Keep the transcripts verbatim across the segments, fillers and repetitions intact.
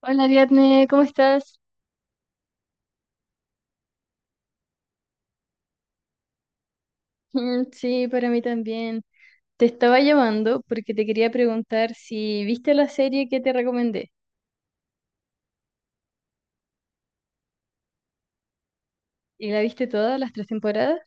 Hola Ariadne, ¿cómo estás? Mm, sí, para mí también. Te estaba llamando porque te quería preguntar si viste la serie que te recomendé. ¿Y la viste todas las tres temporadas?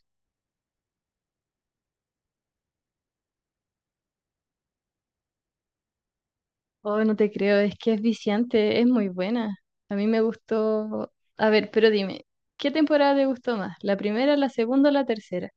Oh, no te creo, es que es viciante, es muy buena. A mí me gustó. A ver, pero dime, ¿qué temporada te gustó más? ¿La primera, la segunda o la tercera?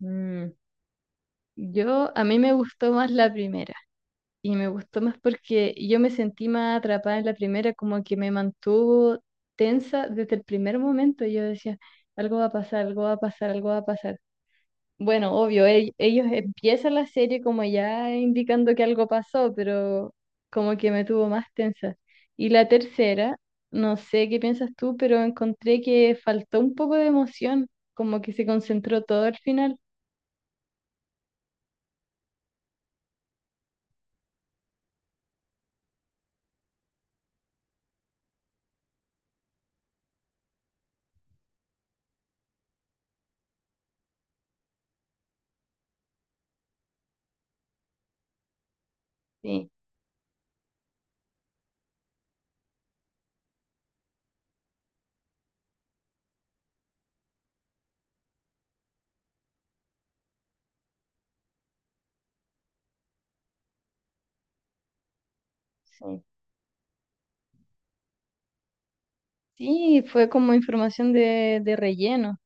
Mm, yo, a mí me gustó más la primera. Y me gustó más porque yo me sentí más atrapada en la primera, como que me mantuvo tensa desde el primer momento. Yo decía, algo va a pasar, algo va a pasar, algo va a pasar. Bueno, obvio, ell- ellos empiezan la serie como ya indicando que algo pasó, pero como que me tuvo más tensa. Y la tercera, no sé qué piensas tú, pero encontré que faltó un poco de emoción, como que se concentró todo al final. Sí, sí. Sí, fue como información de, de relleno.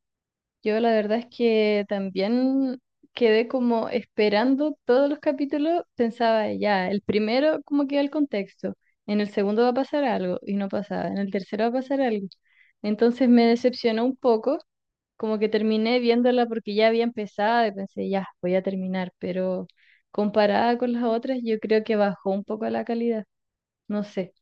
Yo la verdad es que también quedé como esperando todos los capítulos, pensaba ya, el primero como que el contexto, en el segundo va a pasar algo y no pasaba, en el tercero va a pasar algo. Entonces me decepcionó un poco, como que terminé viéndola porque ya había empezado y pensé, ya, voy a terminar, pero comparada con las otras yo creo que bajó un poco la calidad, no sé.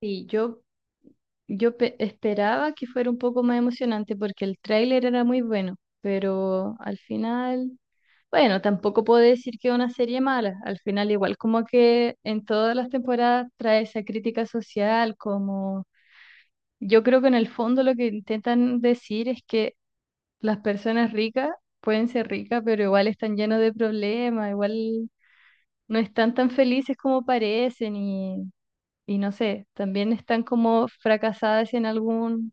Sí, yo Yo pe- esperaba que fuera un poco más emocionante porque el tráiler era muy bueno, pero al final, bueno, tampoco puedo decir que es una serie mala. Al final, igual como que en todas las temporadas trae esa crítica social, como yo creo que en el fondo lo que intentan decir es que las personas ricas pueden ser ricas, pero igual están llenos de problemas, igual no están tan felices como parecen y, y no sé, también están como fracasadas en algún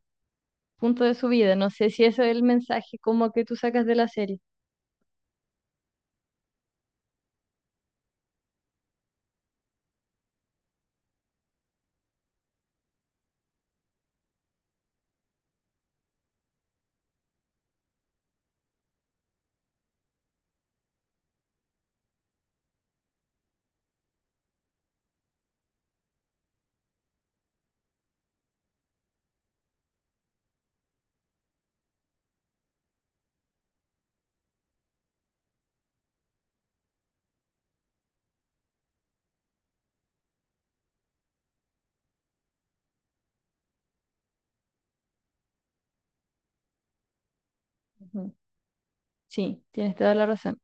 punto de su vida. No sé si eso es el mensaje como que tú sacas de la serie. Ujú. Sí, tienes toda la razón.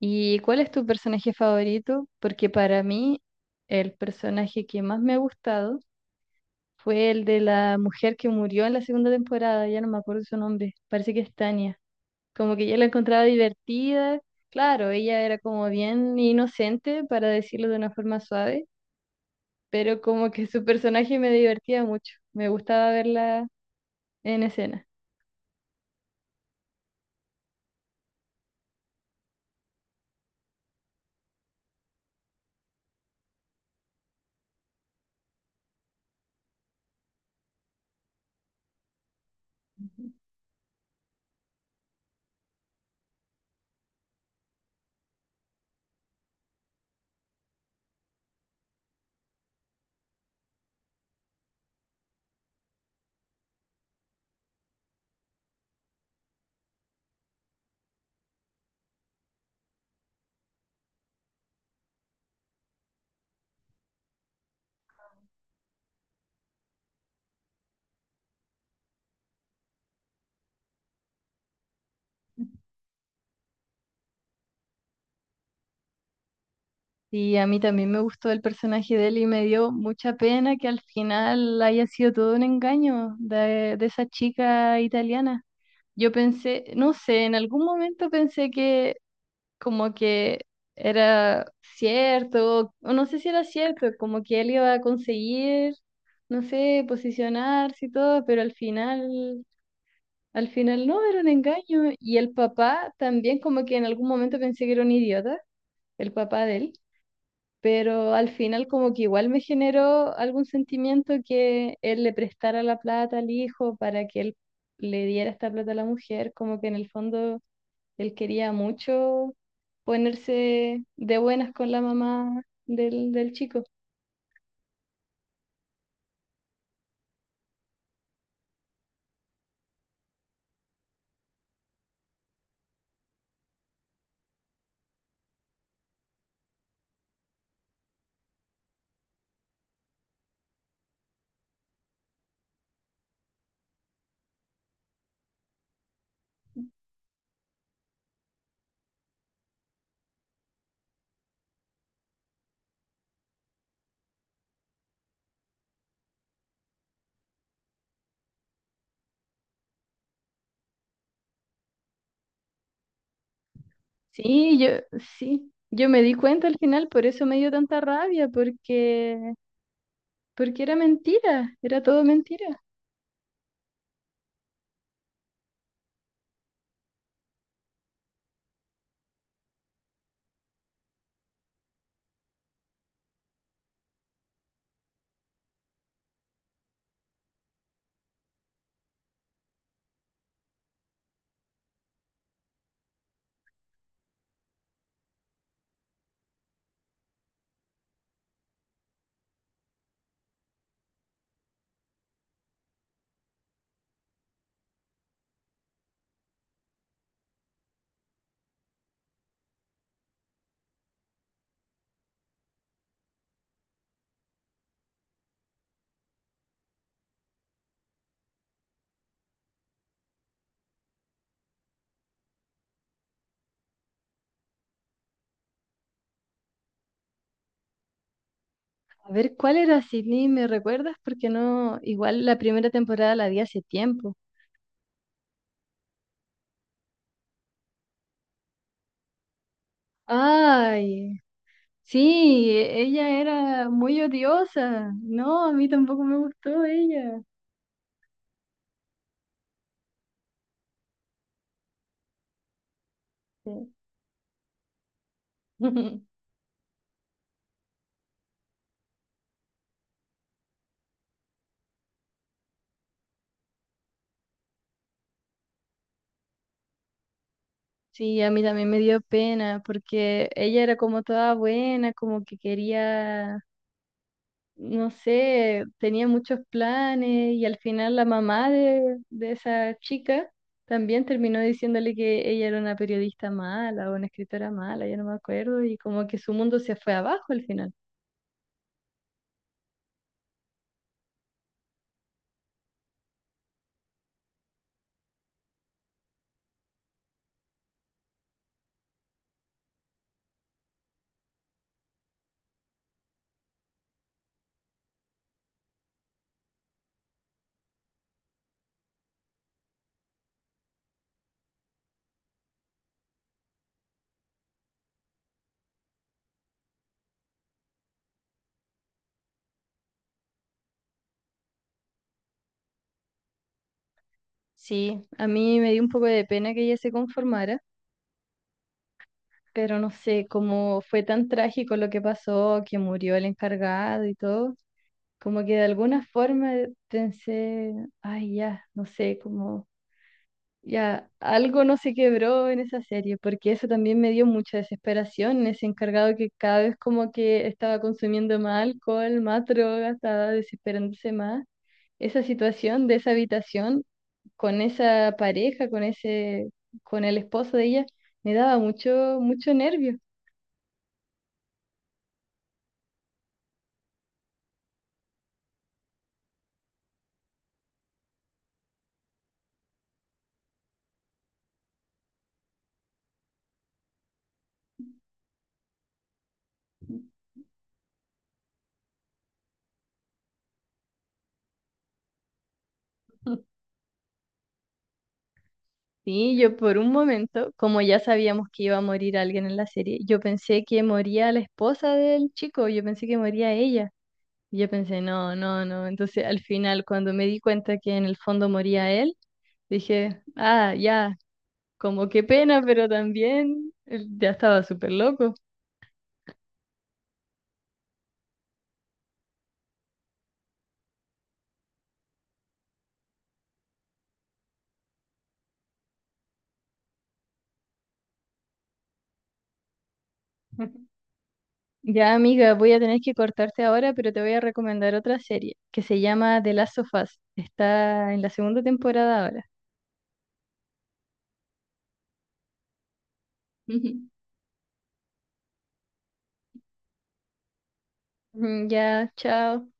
¿Y cuál es tu personaje favorito? Porque para mí el personaje que más me ha gustado fue el de la mujer que murió en la segunda temporada, ya no me acuerdo su nombre, parece que es Tania. Como que yo la encontraba divertida, claro, ella era como bien inocente, para decirlo de una forma suave, pero como que su personaje me divertía mucho, me gustaba verla en escena. Y a mí también me gustó el personaje de él y me dio mucha pena que al final haya sido todo un engaño de, de esa chica italiana. Yo pensé, no sé, en algún momento pensé que como que era cierto, o no sé si era cierto, como que él iba a conseguir, no sé, posicionarse y todo, pero al final, al final no, era un engaño. Y el papá también como que en algún momento pensé que era un idiota, el papá de él, pero al final como que igual me generó algún sentimiento que él le prestara la plata al hijo para que él le diera esta plata a la mujer, como que en el fondo él quería mucho ponerse de buenas con la mamá del, del chico. Sí, yo, sí, yo me di cuenta al final, por eso me dio tanta rabia, porque, porque era mentira, era todo mentira. A ver, ¿cuál era Sydney? ¿Me recuerdas? Porque no, igual la primera temporada la vi hace tiempo. Ay, sí, e- ella era muy odiosa. No, a mí tampoco me gustó ella. Sí. Sí, a mí también me dio pena porque ella era como toda buena, como que quería, no sé, tenía muchos planes y al final la mamá de, de esa chica también terminó diciéndole que ella era una periodista mala o una escritora mala, ya no me acuerdo, y como que su mundo se fue abajo al final. Sí, a mí me dio un poco de pena que ella se conformara, pero no sé, como fue tan trágico lo que pasó, que murió el encargado y todo, como que de alguna forma pensé, ay, ya, no sé, como ya algo no se quebró en esa serie, porque eso también me dio mucha desesperación, ese encargado que cada vez como que estaba consumiendo más alcohol, más droga, estaba desesperándose más. Esa situación de esa habitación, con esa pareja, con ese, con el esposo de ella, me daba mucho, mucho nervio. Sí, yo por un momento, como ya sabíamos que iba a morir alguien en la serie, yo pensé que moría la esposa del chico, yo pensé que moría ella. Y Yo pensé, no, no, no. Entonces al final, cuando me di cuenta que en el fondo moría él, dije, ah, ya, como qué pena, pero también eh, ya estaba súper loco. Ya, amiga, voy a tener que cortarte ahora, pero te voy a recomendar otra serie que se llama The Last of Us. Está en la segunda temporada ahora. Ujú. Ya, chao.